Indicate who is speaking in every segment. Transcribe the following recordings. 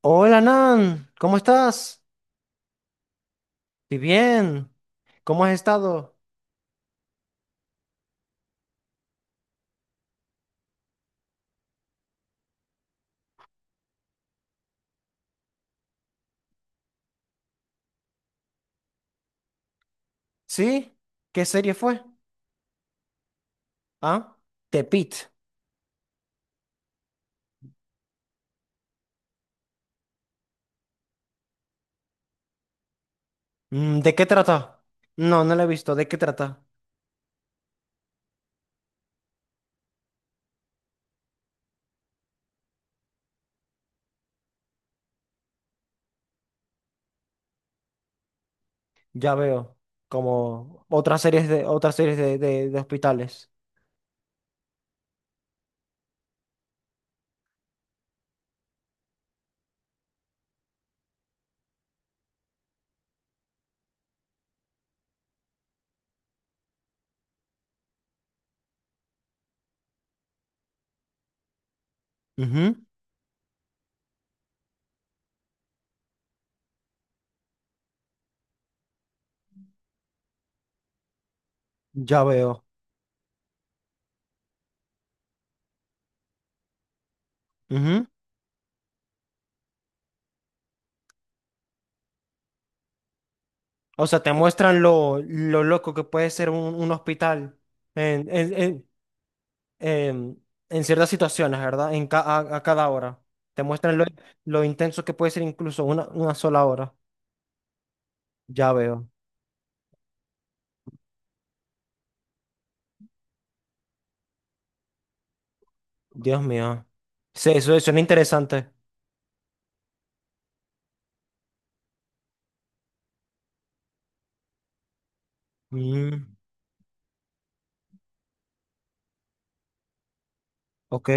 Speaker 1: Hola Nan, ¿cómo estás? Y bien, ¿cómo has estado? ¿Sí? ¿Qué serie fue? ¿Ah? Tepit. Mm, ¿de qué trata? No, no la he visto. ¿De qué trata? Ya veo. Como otras series de otras series de hospitales. Ujú. Ya veo. Ujú. O sea, te muestran lo loco que puede ser un hospital em, en ciertas situaciones, ¿verdad? A cada hora. Te muestran lo intenso que puede ser incluso una sola hora. Ya veo. Dios mío. Sí, eso suena interesante. Mm. Ok.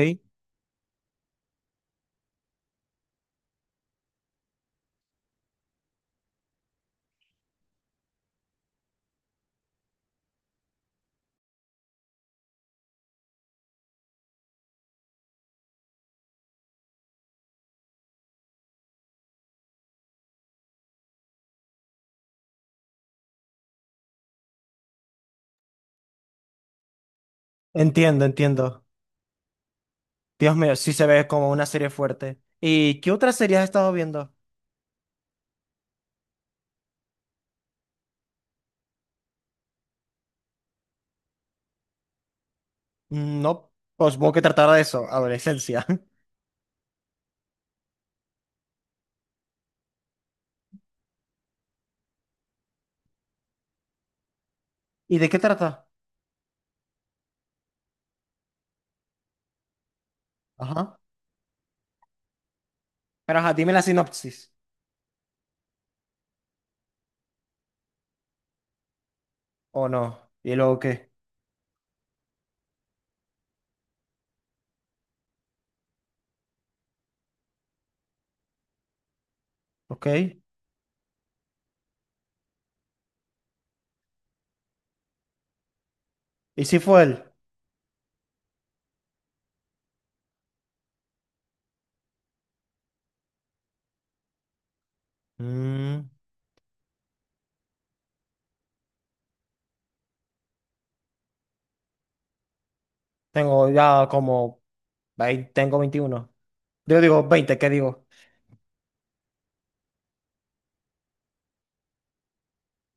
Speaker 1: Entiendo, entiendo. Dios mío, sí se ve como una serie fuerte. ¿Y qué otras series has estado viendo? Mm, no, pues supongo que tratará de eso, adolescencia. ¿Y de qué trata? Ajá. Pero ajá, dime la sinopsis. ¿O no? ¿Y luego qué? ¿Ok? ¿Y si fue él? Mm. Tengo ya como, tengo 21. Yo digo 20, ¿qué digo?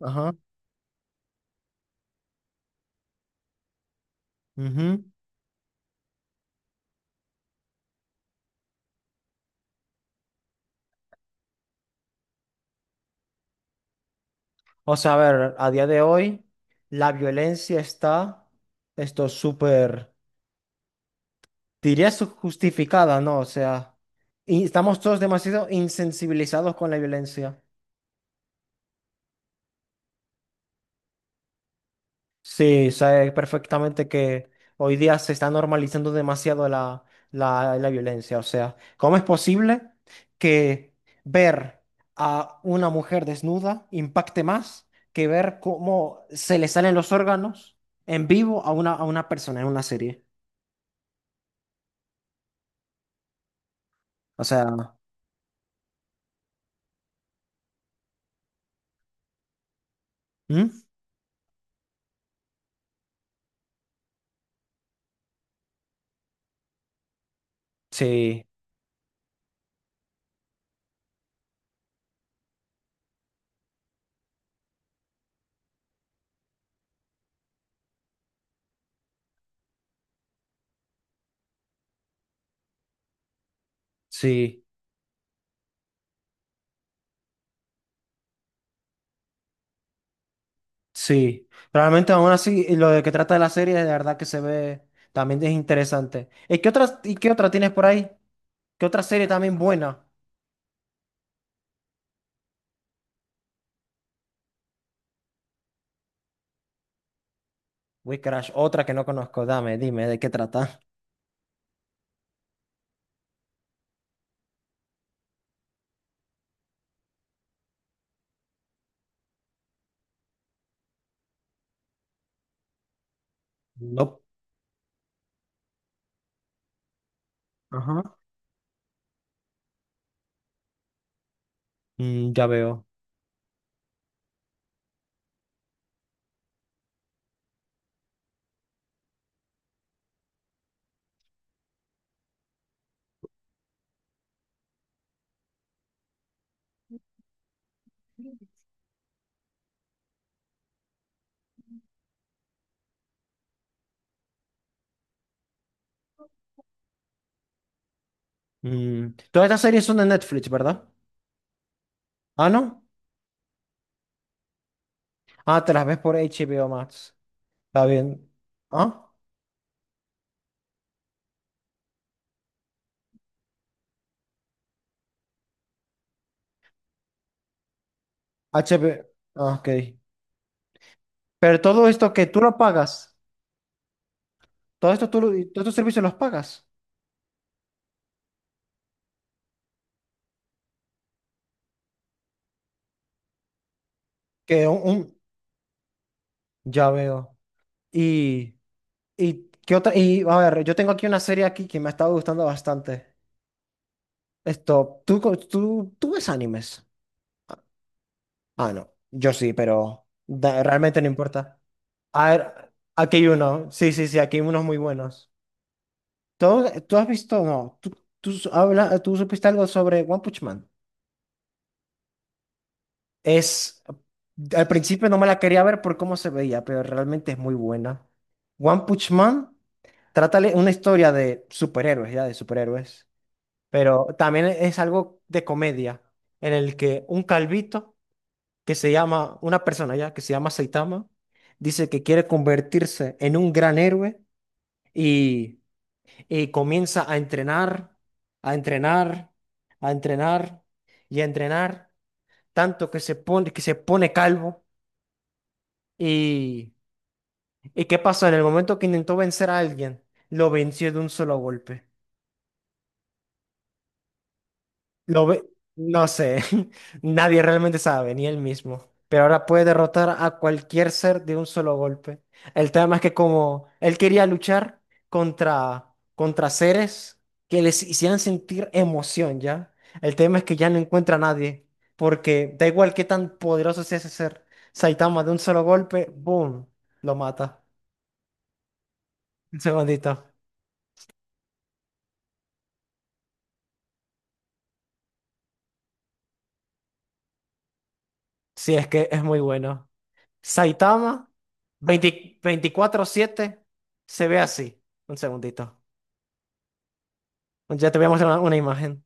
Speaker 1: Ajá. Ujú. O sea, a ver, a día de hoy la violencia está, esto súper, justificada, ¿no? O sea, y estamos todos demasiado insensibilizados con la violencia. Sí, sé perfectamente que hoy día se está normalizando demasiado la violencia. O sea, ¿cómo es posible que ver a una mujer desnuda impacte más que ver cómo se le salen los órganos en vivo a una persona en una serie? O sea, ¿mm? Sí, sí, sí. Realmente aún así, lo de que trata de la serie, de verdad que se ve, también es interesante. ¿Y qué otras, y qué otra tienes por ahí? ¿Qué otra serie también buena? Witchcraft, otra que no conozco. Dame, dime, ¿de qué trata? No. Ajá. Mm, ya veo. Mm, ¿todas estas series son de Netflix, ¿verdad? Ah, ¿no? Ah, te las ves por HBO Max. Está bien. ¿Ah? HBO. Ah, ok. Pero todo esto que tú lo pagas, todo esto tú, y todos estos servicios los pagas. Que un, un- Ya veo. Y, y, ¿qué otra? Y, a ver, yo tengo aquí una serie aquí que me ha estado gustando bastante. Esto, ¿tú ves animes? Ah, no. Yo sí, pero realmente no importa. A ver, aquí hay uno. Sí, sí, sí, aquí hay unos muy buenos. ¿Tú has visto? No. ¿Tú supiste algo sobre One Punch Man? Es. Al principio no me la quería ver por cómo se veía, pero realmente es muy buena. One Punch Man trata una historia de superhéroes, ya, de superhéroes. Pero también es algo de comedia, en el que un calvito, que se llama, una persona ya, que se llama Saitama, dice que quiere convertirse en un gran héroe y, y comienza a entrenar, a entrenar, a entrenar y a entrenar, tanto que se pone calvo. ¿Y, y qué pasó? En el momento que intentó vencer a alguien, lo venció de un solo golpe. Lo ve, no sé, nadie realmente sabe, ni él mismo. Pero ahora puede derrotar a cualquier ser de un solo golpe. El tema es que como él quería luchar contra seres que les hicieran sentir emoción, ¿ya? El tema es que ya no encuentra a nadie, porque da igual qué tan poderoso sea ese ser, Saitama de un solo golpe, ¡boom!, lo mata. Un segundito. Sí, es que es muy bueno. Saitama 20 24/7 se ve así. Un segundito. Ya te voy a mostrar una imagen.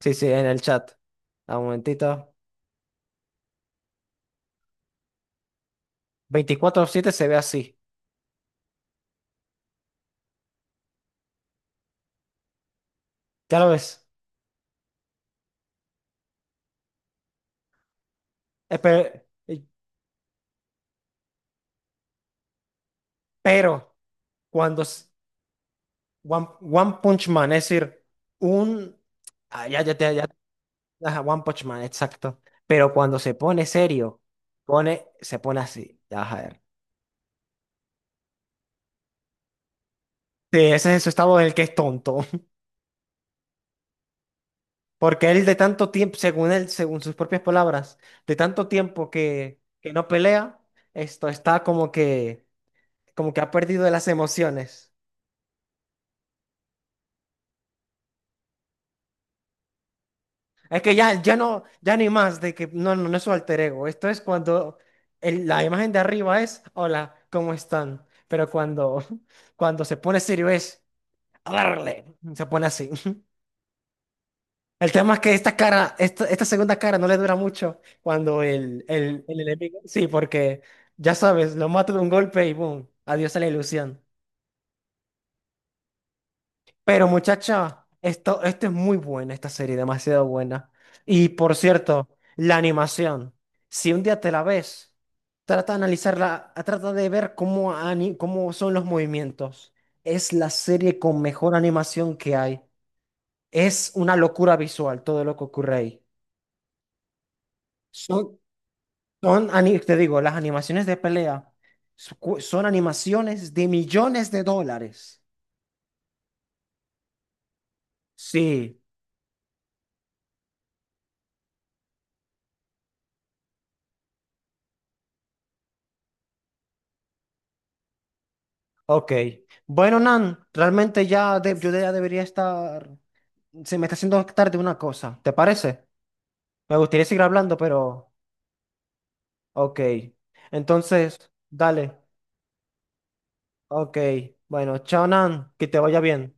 Speaker 1: Sí, sí, en el chat. Ah, un momentito. 24/7 se ve así. Ya lo ves. Eh, pe- eh, Pero, cuando s- One Punch Man, es decir, un... ah, ya, ya, te- ya, ajá, One Punch Man, exacto. Pero cuando se pone serio, se pone así. Ya, a ver. Sí, ese es su estado en el que es tonto. Porque él de tanto tiempo, según él, según sus propias palabras, de tanto tiempo que no pelea, esto está como que ha perdido de las emociones. Es que ya, ya no, ya ni más de que no es su alter ego. Esto es cuando la imagen de arriba es, hola, ¿cómo están? Pero cuando, cuando se pone serio es, a darle, se pone así. El tema es que esta cara, esta segunda cara no le dura mucho cuando el enemigo. Sí, porque ya sabes, lo mato de un golpe y boom, adiós a la ilusión. Pero muchacha, esto es muy buena, esta serie, demasiado buena. Y por cierto, la animación, si un día te la ves, trata de analizarla, trata de ver cómo, cómo son los movimientos. Es la serie con mejor animación que hay. Es una locura visual todo lo que ocurre ahí. Son te digo, las animaciones de pelea son animaciones de millones de dólares. Sí, ok. Bueno, Nan, realmente yo ya debería estar. Se me está haciendo tarde una cosa, ¿te parece? Me gustaría seguir hablando, pero. Ok. Entonces, dale. Ok. Bueno, chao, Nan, que te vaya bien.